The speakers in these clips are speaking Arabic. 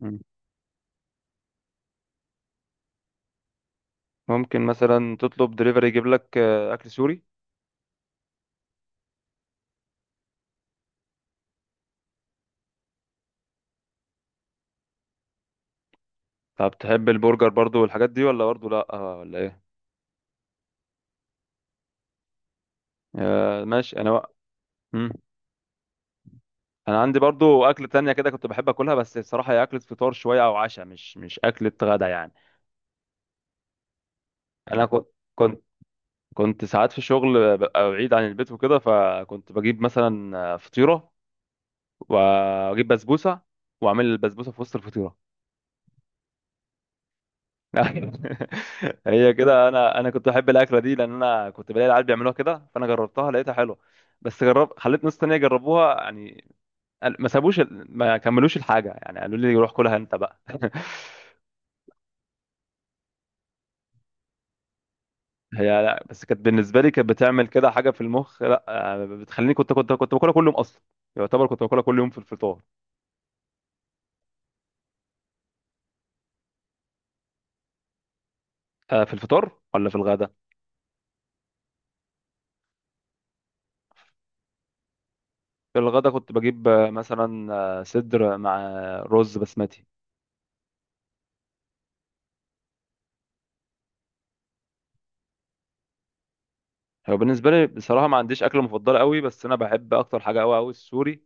مم. ممكن مثلا تطلب دليفري يجيب لك اكل سوري. طب تحب البرجر برضو والحاجات دي، ولا برضو لا ولا ايه؟ ماشي انا بقى. مم. انا عندي برضو اكل تانية كده كنت بحب اكلها، بس بصراحة هي اكلة فطار شوية او عشاء، مش اكلة غدا يعني. انا كنت كنت ساعات في الشغل ببقى بعيد عن البيت وكده، فكنت بجيب مثلا فطيرة، واجيب بسبوسة، واعمل البسبوسة في وسط الفطيرة. هي كده، انا كنت بحب الاكله دي، لان انا كنت بلاقي العيال بيعملوها كده، فانا جربتها لقيتها حلوه. بس جرب، خليت ناس تانية يجربوها يعني. ما سابوش، ما كملوش الحاجه يعني، قالوا لي روح كلها انت بقى. هي لا، بس كانت بالنسبه لي كانت بتعمل كده حاجه في المخ، لا، بتخليني كنت باكلها كل يوم اصلا. يعتبر كنت باكلها كل يوم في الفطار. في الفطار ولا في الغدا؟ في الغدا كنت بجيب مثلا صدر مع رز بسمتي. هو بالنسبه لي بصراحه ما عنديش اكله مفضله قوي، بس انا بحب اكتر حاجه، قوي قوي، السوري.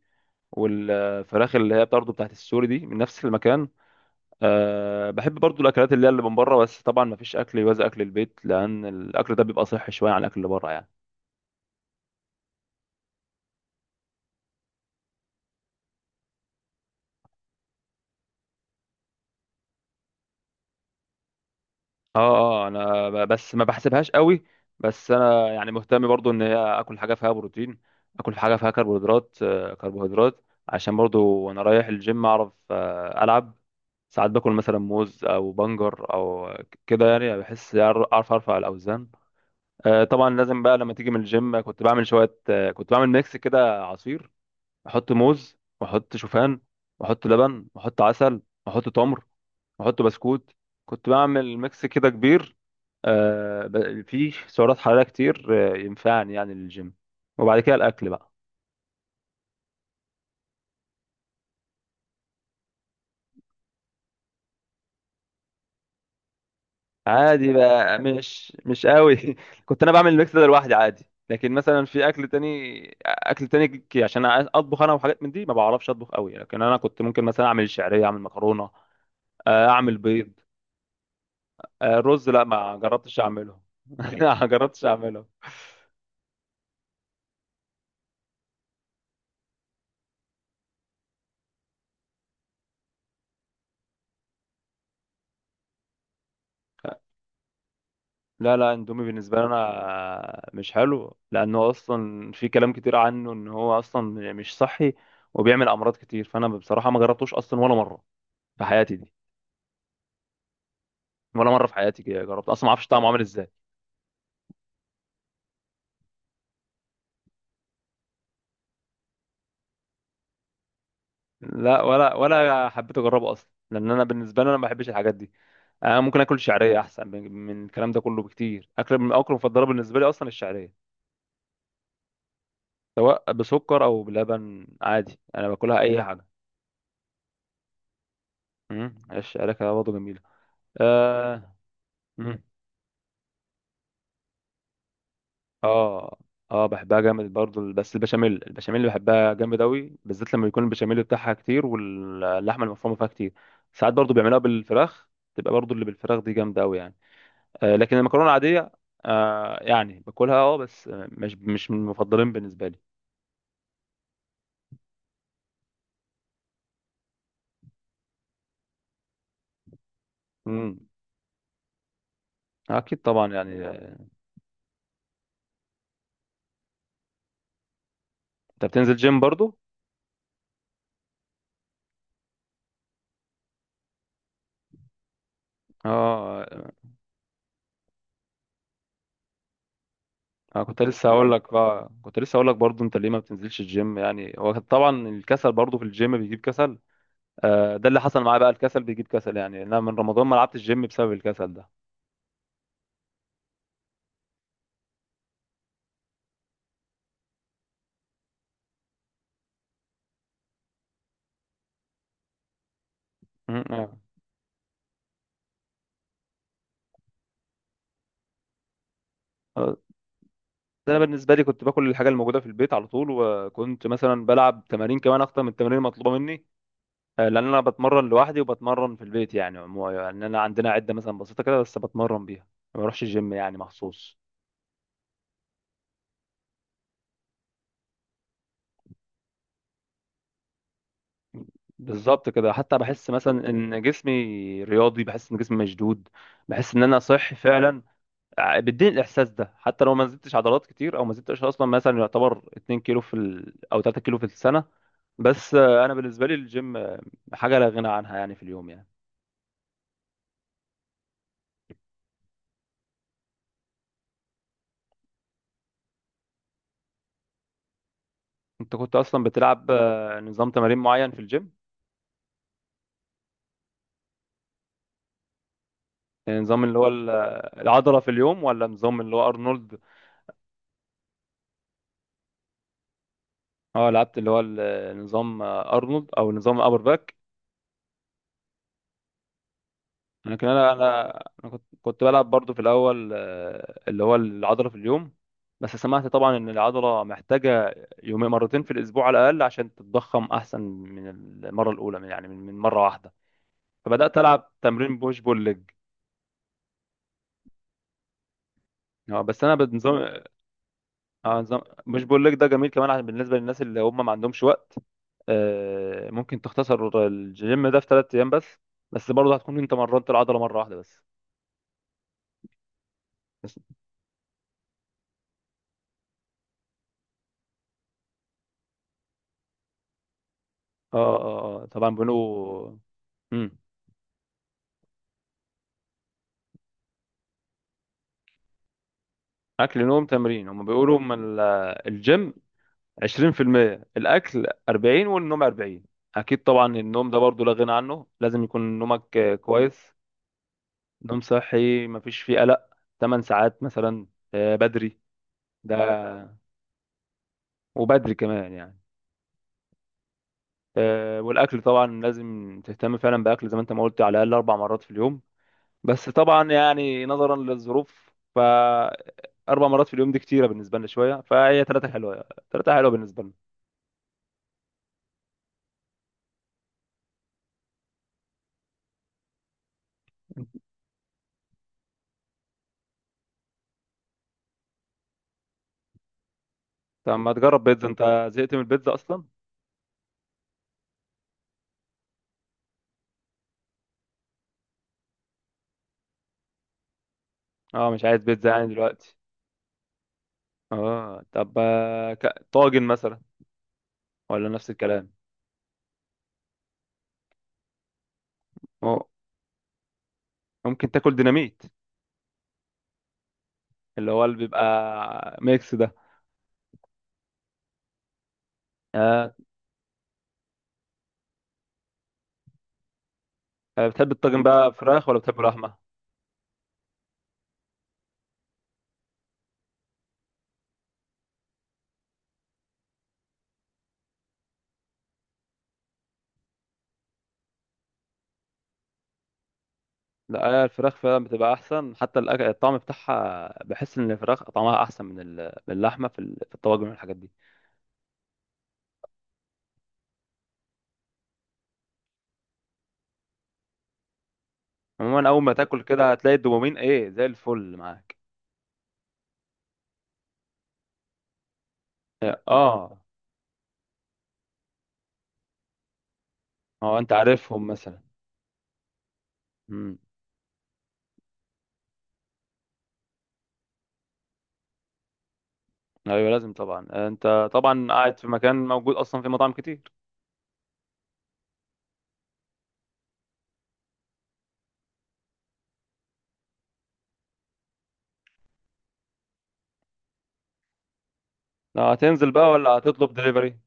والفراخ اللي هي برضه بتاعت السوري دي من نفس المكان. أه، بحب برضه الاكلات اللي هي اللي من بره، بس طبعا ما فيش اكل يوازي اكل البيت، لان الاكل ده بيبقى صحي شويه عن الاكل اللي بره يعني. اه، اه، انا بس ما بحسبهاش قوي. بس انا يعني مهتم برضه ان هي اكل حاجه فيها بروتين، اكل حاجه فيها كربوهيدرات، كربوهيدرات عشان برضه وانا رايح الجيم اعرف العب. ساعات باكل مثلا موز او بنجر او كده يعني بحس، اعرف ارفع الاوزان. طبعا لازم بقى لما تيجي من الجيم، كنت بعمل شويه، كنت بعمل ميكس كده عصير، احط موز، واحط شوفان، واحط لبن، واحط عسل، واحط تمر، واحط بسكوت. كنت بعمل ميكس كده كبير، فيه سعرات حراريه كتير، ينفعني يعني للجيم. وبعد كده الاكل بقى. عادي بقى، مش قوي. كنت انا بعمل الميكس ده لوحدي عادي، لكن مثلا في اكل تاني، عشان اطبخ انا، وحاجات من دي ما بعرفش اطبخ قوي، لكن انا كنت ممكن مثلا اعمل شعريه، اعمل مكرونه، اعمل بيض. رز لا، ما جربتش اعمله. ما جربتش اعمله. لا لا، اندومي بالنسبه لي انا مش حلو، لانه اصلا في كلام كتير عنه ان هو اصلا مش صحي، وبيعمل امراض كتير، فانا بصراحه ما جربتوش اصلا ولا مره في حياتي دي. ولا مره في حياتي كده جربت اصلا، ما اعرفش طعمه عامل ازاي. لا، ولا حبيت اجربه اصلا، لان انا بالنسبه لي انا ما بحبش الحاجات دي. انا ممكن اكل شعريه احسن من الكلام ده كله بكتير. اكل من اكل مفضله بالنسبه لي اصلا الشعريه. سواء بسكر او بلبن عادي، انا باكلها اي حاجه. الشعريه كده برضه جميله. اه. مم. اه، اه، بحبها جامد برضه. بس البشاميل، البشاميل اللي بحبها جامد قوي بالذات لما يكون البشاميل بتاعها كتير، واللحمه المفرومه فيها كتير. ساعات برضه بيعملوها بالفراخ، تبقى برضه اللي بالفراخ دي جامده قوي يعني. لكن المكرونه العاديه يعني باكلها اه، بس مش من المفضلين بالنسبه لي. امم. اكيد طبعا يعني. انت بتنزل جيم برضو؟ اه. انا كنت لسه هقول لك بقى، كنت لسه هقول لك برضو، انت ليه ما بتنزلش الجيم يعني؟ هو طبعا الكسل برضو في الجيم بيجيب كسل. ده اللي حصل معايا بقى، الكسل بيجيب كسل يعني. انا من رمضان ما لعبتش الجيم بسبب الكسل ده. مم، آه. آه، انا بالنسبه لي كنت باكل الحاجه الموجوده في البيت على طول، وكنت مثلا بلعب تمارين كمان اكتر من التمارين المطلوبه مني، لان انا بتمرن لوحدي وبتمرن في البيت يعني. عموما يعني انا عندنا عده مثلا بسيطه كده بس بتمرن بيها. ما بروحش الجيم يعني مخصوص. بالظبط كده، حتى بحس مثلا ان جسمي رياضي، بحس ان جسمي مشدود، بحس ان انا صحي فعلا. بيديني الاحساس ده حتى لو ما زدتش عضلات كتير، او ما زدتش اصلا مثلا، يعتبر 2 كيلو او 3 كيلو في السنه. بس انا بالنسبه لي الجيم حاجه لا غنى عنها يعني في اليوم يعني. انت كنت اصلا بتلعب نظام تمارين معين في الجيم؟ يعني نظام اللي هو العضلة في اليوم، ولا نظام اللي هو أرنولد؟ اه، لعبت اللي هو نظام أرنولد أو نظام أبر باك. لكن أنا كنت بلعب برضو في الأول اللي هو العضلة في اليوم. بس سمعت طبعا إن العضلة محتاجة يومين، مرتين في الأسبوع على الأقل عشان تتضخم أحسن من المرة الأولى، من يعني من من مرة واحدة. فبدأت ألعب تمرين بوش بول ليج. اه، بس أنا بنظام. اه نظام بوش بول ليج ده جميل كمان، عشان بالنسبة للناس اللي هم ما عندهمش وقت، ممكن تختصر الجيم ده في ثلاث ايام بس. بس برضه هتكون انت مرنت العضله مره واحده بس. بس- اه، اه، آه، آه. طبعا بيقولوا. امم. اكل، نوم، تمرين. هم بيقولوا من الجيم 20%، الاكل 40، والنوم 40. اكيد طبعا النوم ده برضه لا غنى عنه، لازم يكون نومك كويس، نوم صحي مفيش فيه قلق، 8 ساعات مثلا، بدري ده، وبدري كمان يعني. والاكل طبعا لازم تهتم فعلا باكل زي ما انت ما قلت، على الاقل اربع مرات في اليوم. بس طبعا يعني نظرا للظروف، ف اربع مرات في اليوم دي كتيره بالنسبه لنا شويه، فهي ثلاثه حلوه. ثلاثه حلوه بالنسبه لنا. طب ما تجرب بيتزا، انت زهقت من البيتزا اصلا؟ اه، مش عايز بيتزا يعني دلوقتي؟ اه، طب، طاجن مثلا، ولا نفس الكلام؟ اه، ممكن تاكل ديناميت، اللي هو اللي بيبقى ميكس ده. آه. بتحب الطاجن بقى، فراخ ولا بتحب لحمه؟ لا، هي الفراخ فعلا بتبقى احسن، حتى الطعم بتاعها بحس ان الفراخ طعمها احسن من من اللحمه في في الطواجن والحاجات دي. عموما اول ما تاكل كده هتلاقي الدوبامين ايه زي الفل معاك. اه، اه، انت عارفهم مثلا؟ امم. ايوه، لازم طبعا. انت طبعا قاعد في مكان، موجود اصلا في مطاعم كتير. لا، هتنزل بقى ولا هتطلب دليفري؟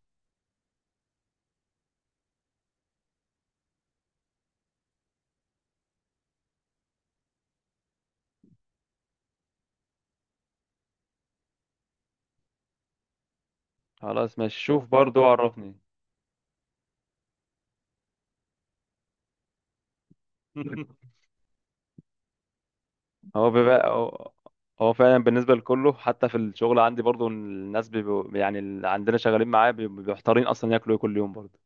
خلاص ماشي، شوف برضو عرفني. هو بيبقى، هو هو فعلا بالنسبة لكله، حتى في الشغل عندي برضو الناس بيبقوا يعني، اللي عندنا شغالين معايا بيبقوا محتارين أصلا ياكلوا ايه كل يوم برضو.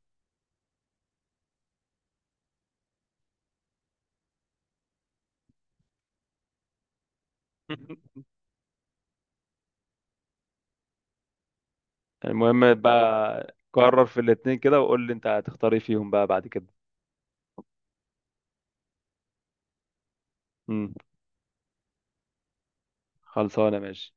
المهم بقى، قرر في الاتنين كده وقول لي انت هتختار ايه فيهم بقى بعد كده. امم. خلصانة ماشي.